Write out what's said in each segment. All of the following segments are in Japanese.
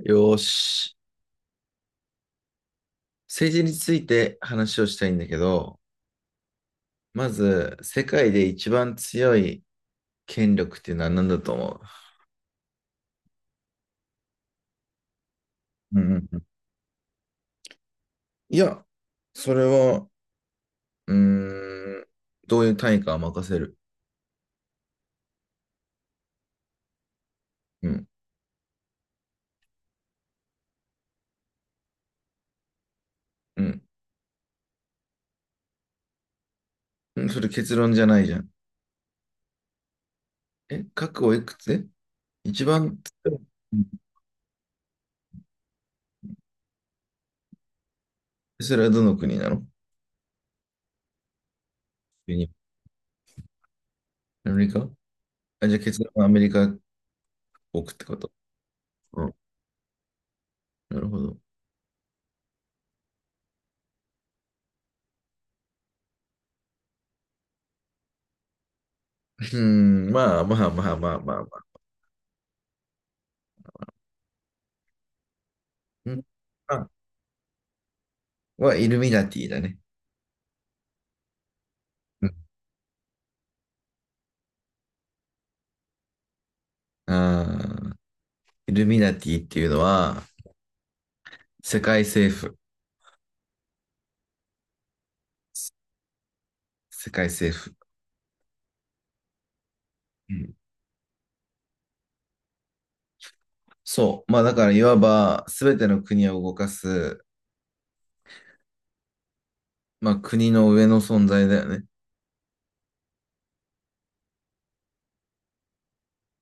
よーし。政治について話をしたいんだけど、まず、世界で一番強い権力っていうのは何だと思ううんうんうんいや、それは、うーん、どういう単位かは任せる。うん、うん。うん、それ結論じゃないじゃん。え、核をいくつ、一番、うん、それはどの国なの。ユニアメリカ。あ、じゃあ結論はアメリカを置くってこと。うん、なるほど。うん、まあまあまあまあまあまあ。うん、はイルミナティだね。うんあーイルミナティっていうのは、世界政府。世界政府。うん。そう。まあだから、いわば、すべての国を動かす、まあ国の上の存在だよね。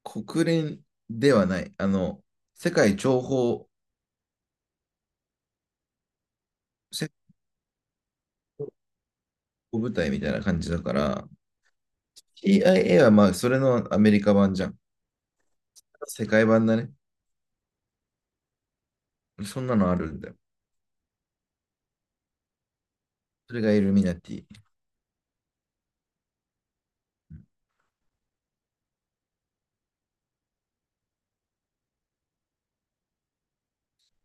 国連ではない。あの、世界諜報、世界諜報部隊みたいな感じだから、CIA はまあ、それのアメリカ版じゃん。世界版だね。そんなのあるんだよ。それがイルミナティ。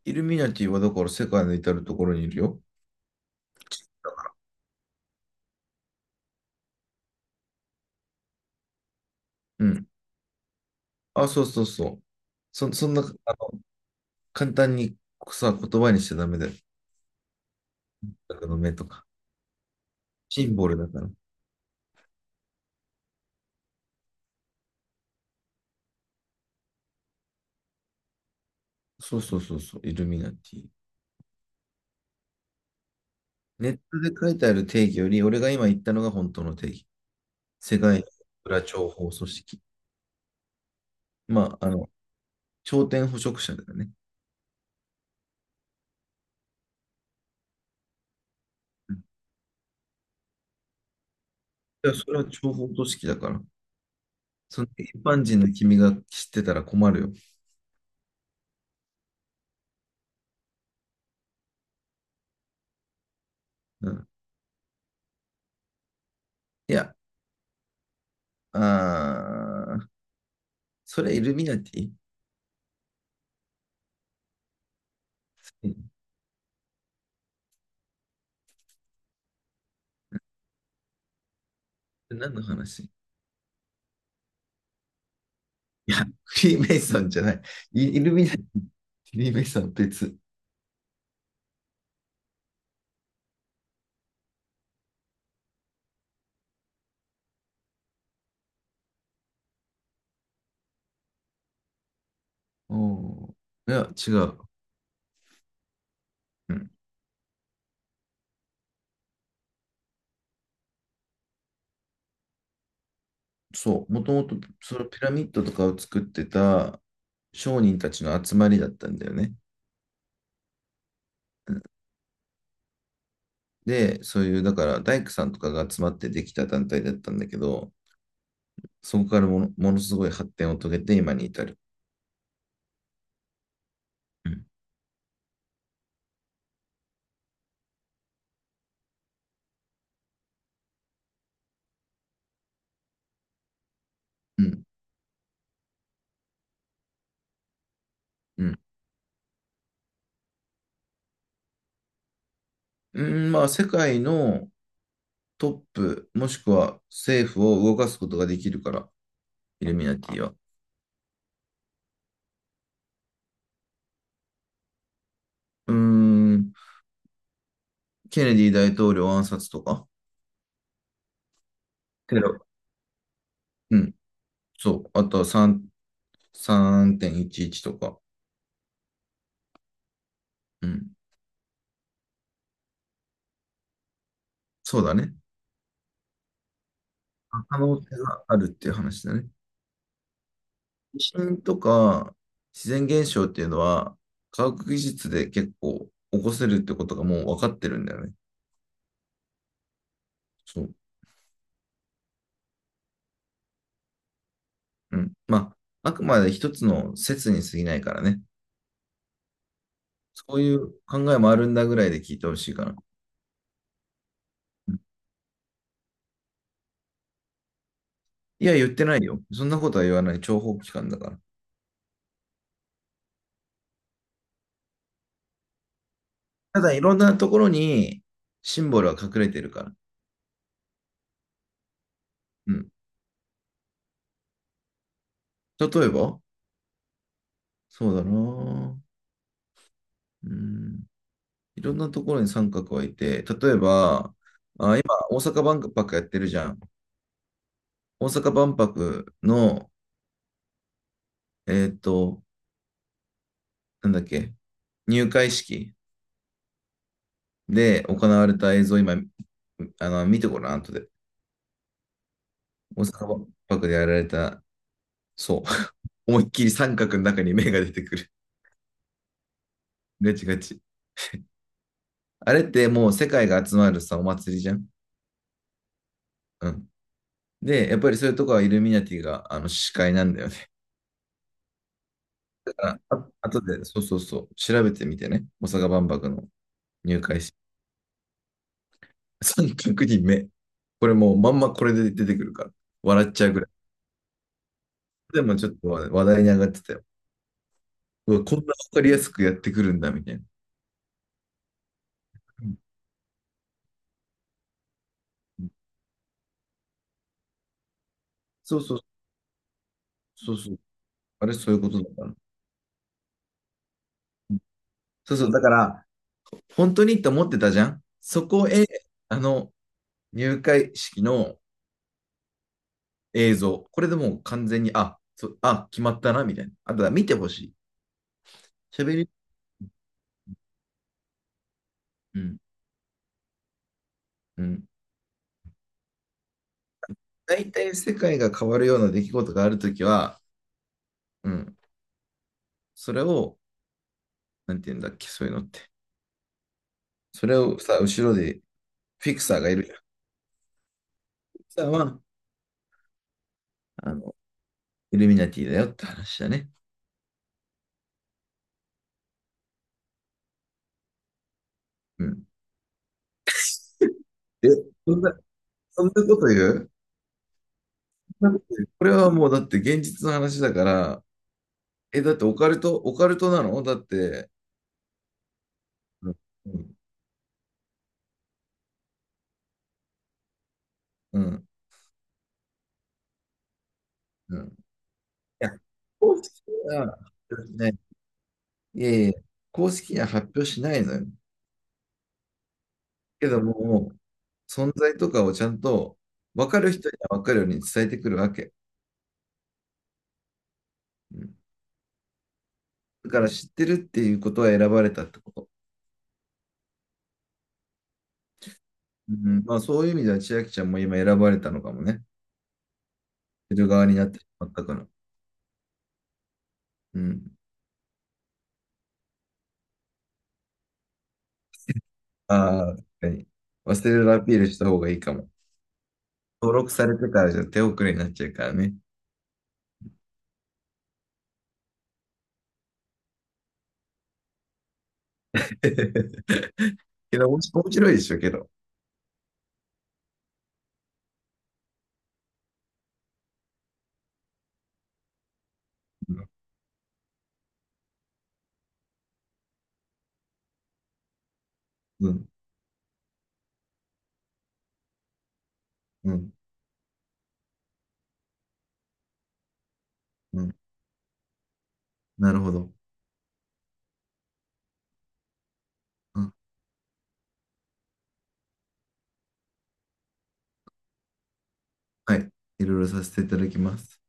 イルミナティはだから世界の至るところにいるよ。うん。あ、そうそうそう。そんな、あの、簡単にさ、言葉にしちゃダメだよ。僕の目とか。シンボルだから。そうそうそうそう。イルミナティ。ネットで書いてある定義より、俺が今言ったのが本当の定義。世界裏情報組織。まあ、あの、頂点捕食者だよね。うん。いや、それは情報組織だから。その一般人の君が知ってたら困るよ。うん。いや、あー、それイルミナティ。うん、何の話。いや、フリーメイソンじゃない。イイルミナティ、フリーメイソンは別。うん。いや、違う。うん、そう、もともとそのピラミッドとかを作ってた商人たちの集まりだったんだよね。で、そういう、だから大工さんとかが集まってできた団体だったんだけど、そこからものすごい発展を遂げて今に至る。うん。うん。うん。うん、まあ、世界のトップ、もしくは政府を動かすことができるから、イルミナティは。うーん。ケネディ大統領暗殺とか、テロ、うん、そう、あとは3、3.11とか、うん、そうだね。可能性があるっていう話だね。地震とか自然現象っていうのは、科学技術で結構起こせるってことがもう分かってるんだよね。そう。うん。まあ、あくまで一つの説に過ぎないからね。そういう考えもあるんだぐらいで聞いてほしいかな。うん。いや、言ってないよ。そんなことは言わない。諜報機関だから。ただいろんなところにシンボルは隠れてるから。うん。例えば、そうだな。うん。いろんなところに三角はいて、例えば、大阪万博やってるじゃん。大阪万博の、えっと、なんだっけ、入会式で行われた映像、今、あの、見てごらん、後で。大阪万博でやられた、そう。思いっきり三角の中に目が出てくる。ガチガチ。あれってもう世界が集まるさ、お祭りじゃん。うん。で、やっぱりそういうとこはイルミナティがあの司会なんだよね。だから、あとで、そうそうそう、調べてみてね。大阪万博の入会式。3組人目。これもうまんまこれで出てくるから。笑っちゃうぐらい。でもちょっと話題に上がってたよ。うわ、こんなわかりやすくやってくるんだ、みたいな。うん。そうそう、そうそう。あれ、そういうことだから、そうそう、だから、本当にって思ってたじゃん。そこへ、あの、入会式の映像。これでもう完全に、決まったな、みたいな。あとは見てほしい。喋り、うん、うん。大体世界が変わるような出来事があるときは、うん、それを、なんて言うんだっけ、そういうのって。それをさ、後ろで、フィクサーがいるじゃん。フィクサーは、あの、イルミナティだよって話だね。うん。え、そんな、そんなこと言う、そんなこと言う。これはもうだって現実の話だから、え、だってオカルトなのだって、うん、うん、うん。うん、公式には発表しない。いえいえ、公式には発表しないのよ。けども、存在とかをちゃんと分かる人には分かるように伝えてくるわけ。うん、だから知ってるっていうことは選ばれたってこと。うん、まあそういう意味では千秋ちゃんも今選ばれたのかもね。知る側になってしまったから。うん。ああ、確かに。忘れるアピールした方がいいかも。登録されてからじゃ手遅れになっちゃうからね。けど、面白いでしょ、けど。うん、うん、うん。うん、なるほど。あ、はい。いろいろさせていただきます。